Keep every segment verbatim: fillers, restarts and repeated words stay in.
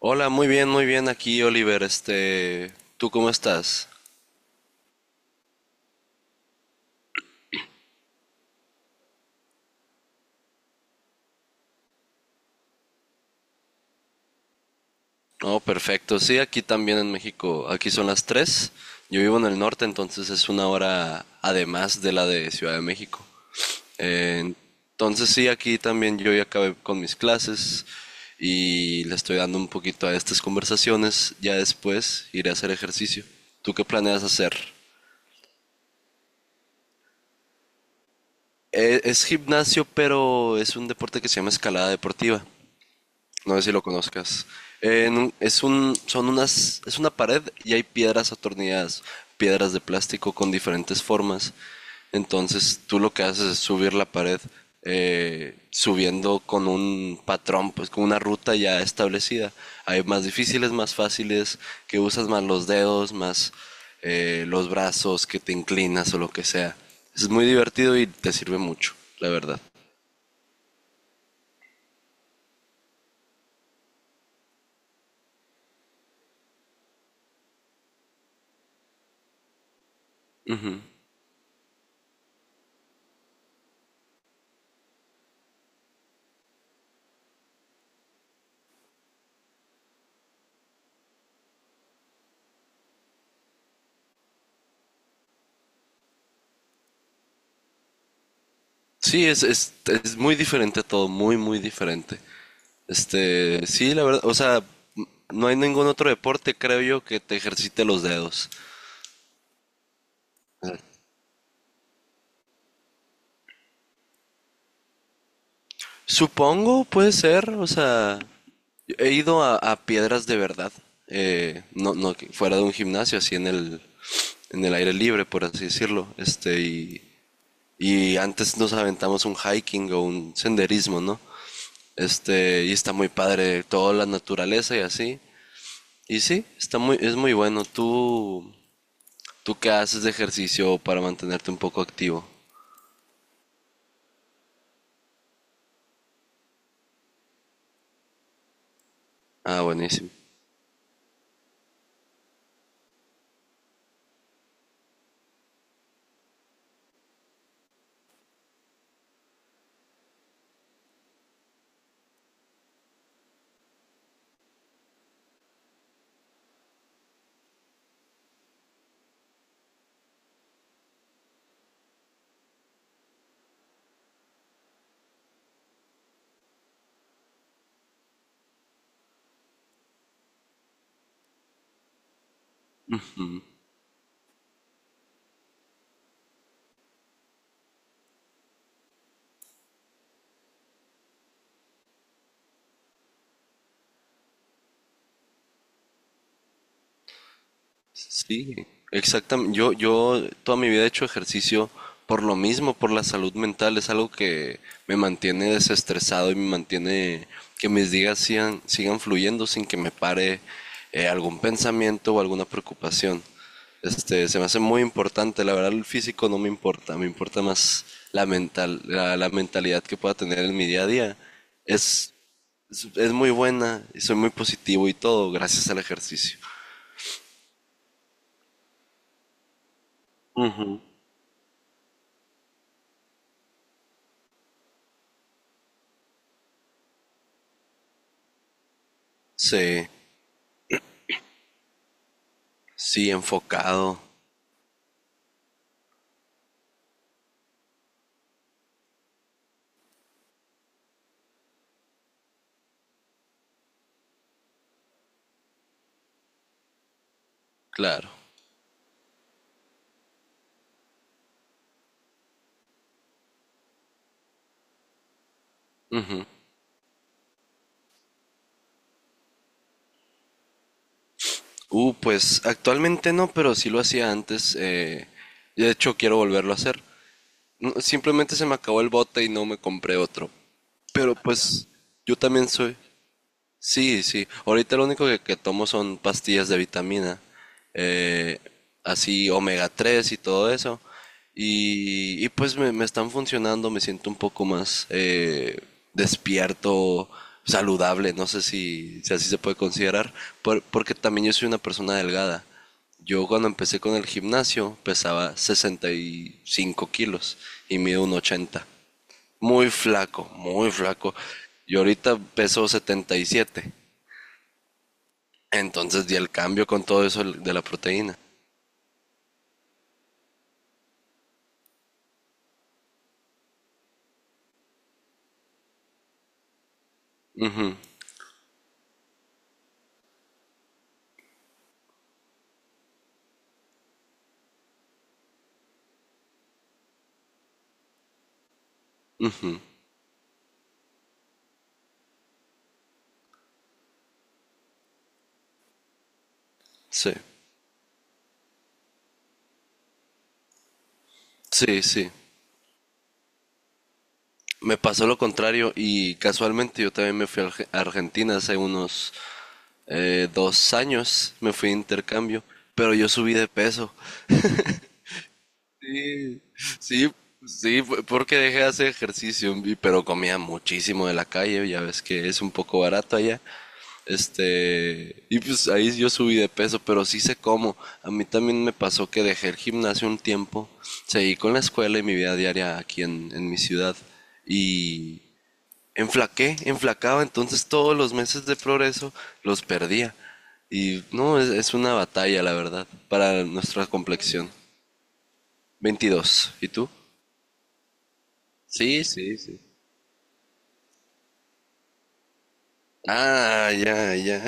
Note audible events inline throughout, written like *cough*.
Hola, muy bien, muy bien aquí, Oliver. Este, ¿tú cómo estás? No, perfecto. Sí, aquí también en México. Aquí son las tres. Yo vivo en el norte, entonces es una hora además de la de Ciudad de México. Eh, entonces sí, aquí también yo ya acabé con mis clases y le estoy dando un poquito a estas conversaciones. Ya después iré a hacer ejercicio. ¿Tú qué planeas hacer? Eh, es gimnasio, pero es un deporte que se llama escalada deportiva. No sé si lo conozcas. Eh, en es un, son unas, Es una pared y hay piedras atornilladas, piedras de plástico con diferentes formas. Entonces tú lo que haces es subir la pared, eh, subiendo con un patrón, pues con una ruta ya establecida. Hay más difíciles, más fáciles, que usas más los dedos, más eh, los brazos, que te inclinas o lo que sea. Es muy divertido y te sirve mucho, la verdad. Sí, es, es, es muy diferente a todo, muy, muy diferente. Este, sí, la verdad, o sea, n- no hay ningún otro deporte, creo yo, que te ejercite los dedos. Supongo, puede ser, o sea, he ido a, a piedras de verdad, eh, no, no que- fuera de un gimnasio, así en el, en el aire libre, por así decirlo, este, y, y antes nos aventamos un hiking o un senderismo, ¿no? Este, y está muy padre, toda la naturaleza y así, y sí, está muy, es muy bueno, tú, ¿tú qué haces de ejercicio para mantenerte un poco activo? Ah, buenísimo. Sí, exactamente. Yo, yo toda mi vida he hecho ejercicio por lo mismo, por la salud mental. Es algo que me mantiene desestresado y me mantiene que mis días sigan, sigan fluyendo sin que me pare eh, algún pensamiento o alguna preocupación. Este, se me hace muy importante. La verdad, el físico no me importa. Me importa más la mental, la, la mentalidad que pueda tener en mi día a día. Es, es, es muy buena y soy muy positivo y todo gracias al ejercicio. Sí. Sí, enfocado, claro. Ujú. Uh, pues actualmente no, pero sí lo hacía antes. Eh, de hecho, quiero volverlo a hacer. No, simplemente se me acabó el bote y no me compré otro. Pero pues yo también soy, sí, sí. Ahorita lo único que, que tomo son pastillas de vitamina, eh, así omega tres y todo eso. Y, y pues me, me están funcionando, me siento un poco más eh, despierto, saludable, no sé si, si así se puede considerar, por- porque también yo soy una persona delgada. Yo cuando empecé con el gimnasio pesaba sesenta y cinco kilos y mido un ochenta. Muy flaco, muy flaco. Y ahorita peso setenta y siete. Entonces di el cambio con todo eso de la proteína. Sí, sí, sí. Me pasó lo contrario y casualmente yo también me fui a Arge- a Argentina hace unos eh, dos años, me fui de intercambio, pero yo subí de peso. Sí, sí, sí, fue porque dejé de hacer ejercicio, y- pero comía muchísimo de la calle, ya ves que es un poco barato allá. Este, y pues ahí yo subí de peso, pero sí sé cómo. A mí también me pasó que dejé el gimnasio un tiempo, seguí con la escuela y mi vida diaria aquí en, en mi ciudad. Y enflaqué, enflacaba, entonces todos los meses de progreso los perdía. Y no, es, es una batalla, la verdad, para nuestra complexión. veintidós. ¿Y tú? Sí, sí, sí. Ah, ya, ya.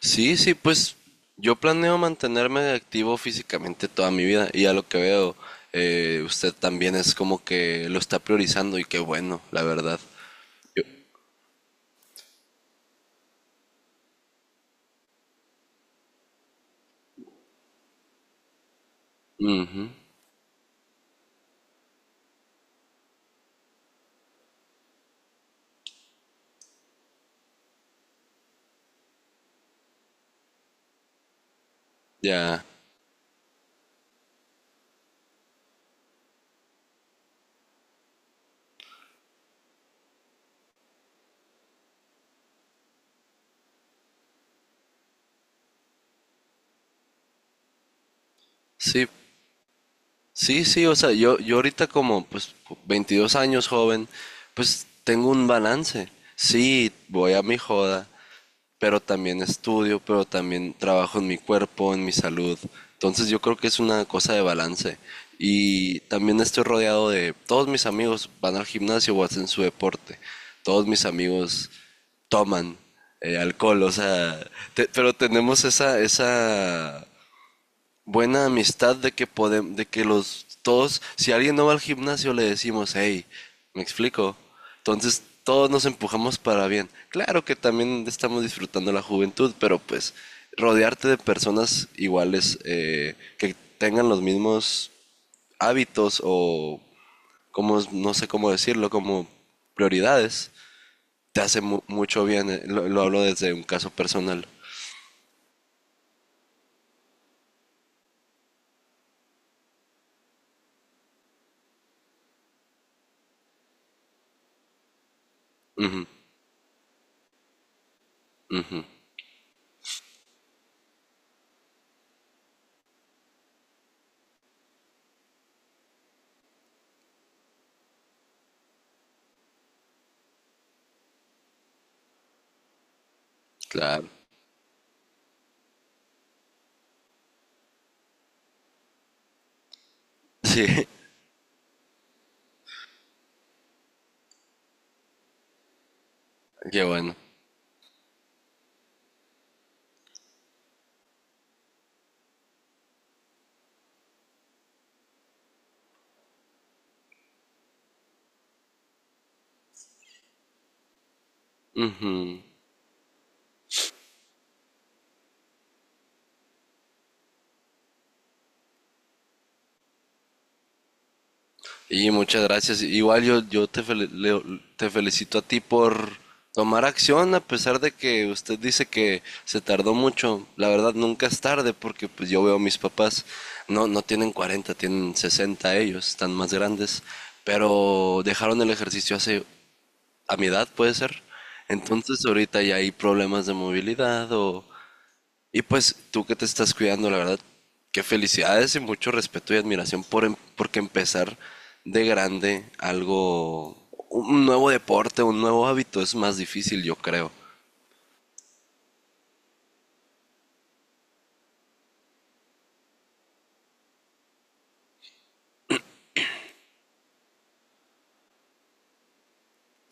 Sí, sí, pues yo planeo mantenerme activo físicamente toda mi vida y a lo que veo, eh, usted también es como que lo está priorizando y qué bueno, la verdad. Yo- mm, ya, sí, sí, sí, o sea, yo, yo ahorita como pues veintidós años joven, pues tengo un balance. Sí, voy a mi joda, pero también estudio, pero también trabajo en mi cuerpo, en mi salud. Entonces yo creo que es una cosa de balance. Y también estoy rodeado de todos mis amigos van al gimnasio o hacen su deporte. Todos mis amigos toman eh, alcohol, o sea, te- pero tenemos esa, esa buena amistad de que podemos, de que los todos, si alguien no va al gimnasio, le decimos, hey, me explico. Entonces todos nos empujamos para bien. Claro que también estamos disfrutando la juventud, pero pues rodearte de personas iguales eh, que tengan los mismos hábitos o como no sé cómo decirlo, como prioridades, te hace mu- mucho bien. Eh, Lo, lo hablo desde un caso personal. Claro. Sí, *laughs* qué bueno. Ujú. Y muchas gracias. Igual yo, yo te, fel- le- te felicito a ti por tomar acción a pesar de que usted dice que se tardó mucho. La verdad nunca es tarde porque pues yo veo a mis papás, no, no tienen cuarenta, tienen sesenta ellos, están más grandes, pero dejaron el ejercicio hace, a mi edad puede ser. Entonces ahorita ya hay problemas de movilidad o, y pues tú que te estás cuidando, la verdad, qué felicidades y mucho respeto y admiración por em- porque empezar de grande algo, un nuevo deporte, un nuevo hábito es más difícil, yo creo.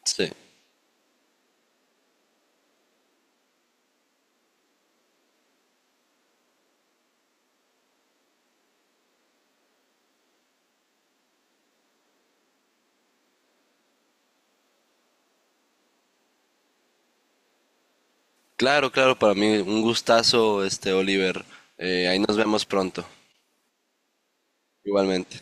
Sí. Claro, claro, para mí un gustazo, este Oliver. Eh, ahí nos vemos pronto, igualmente.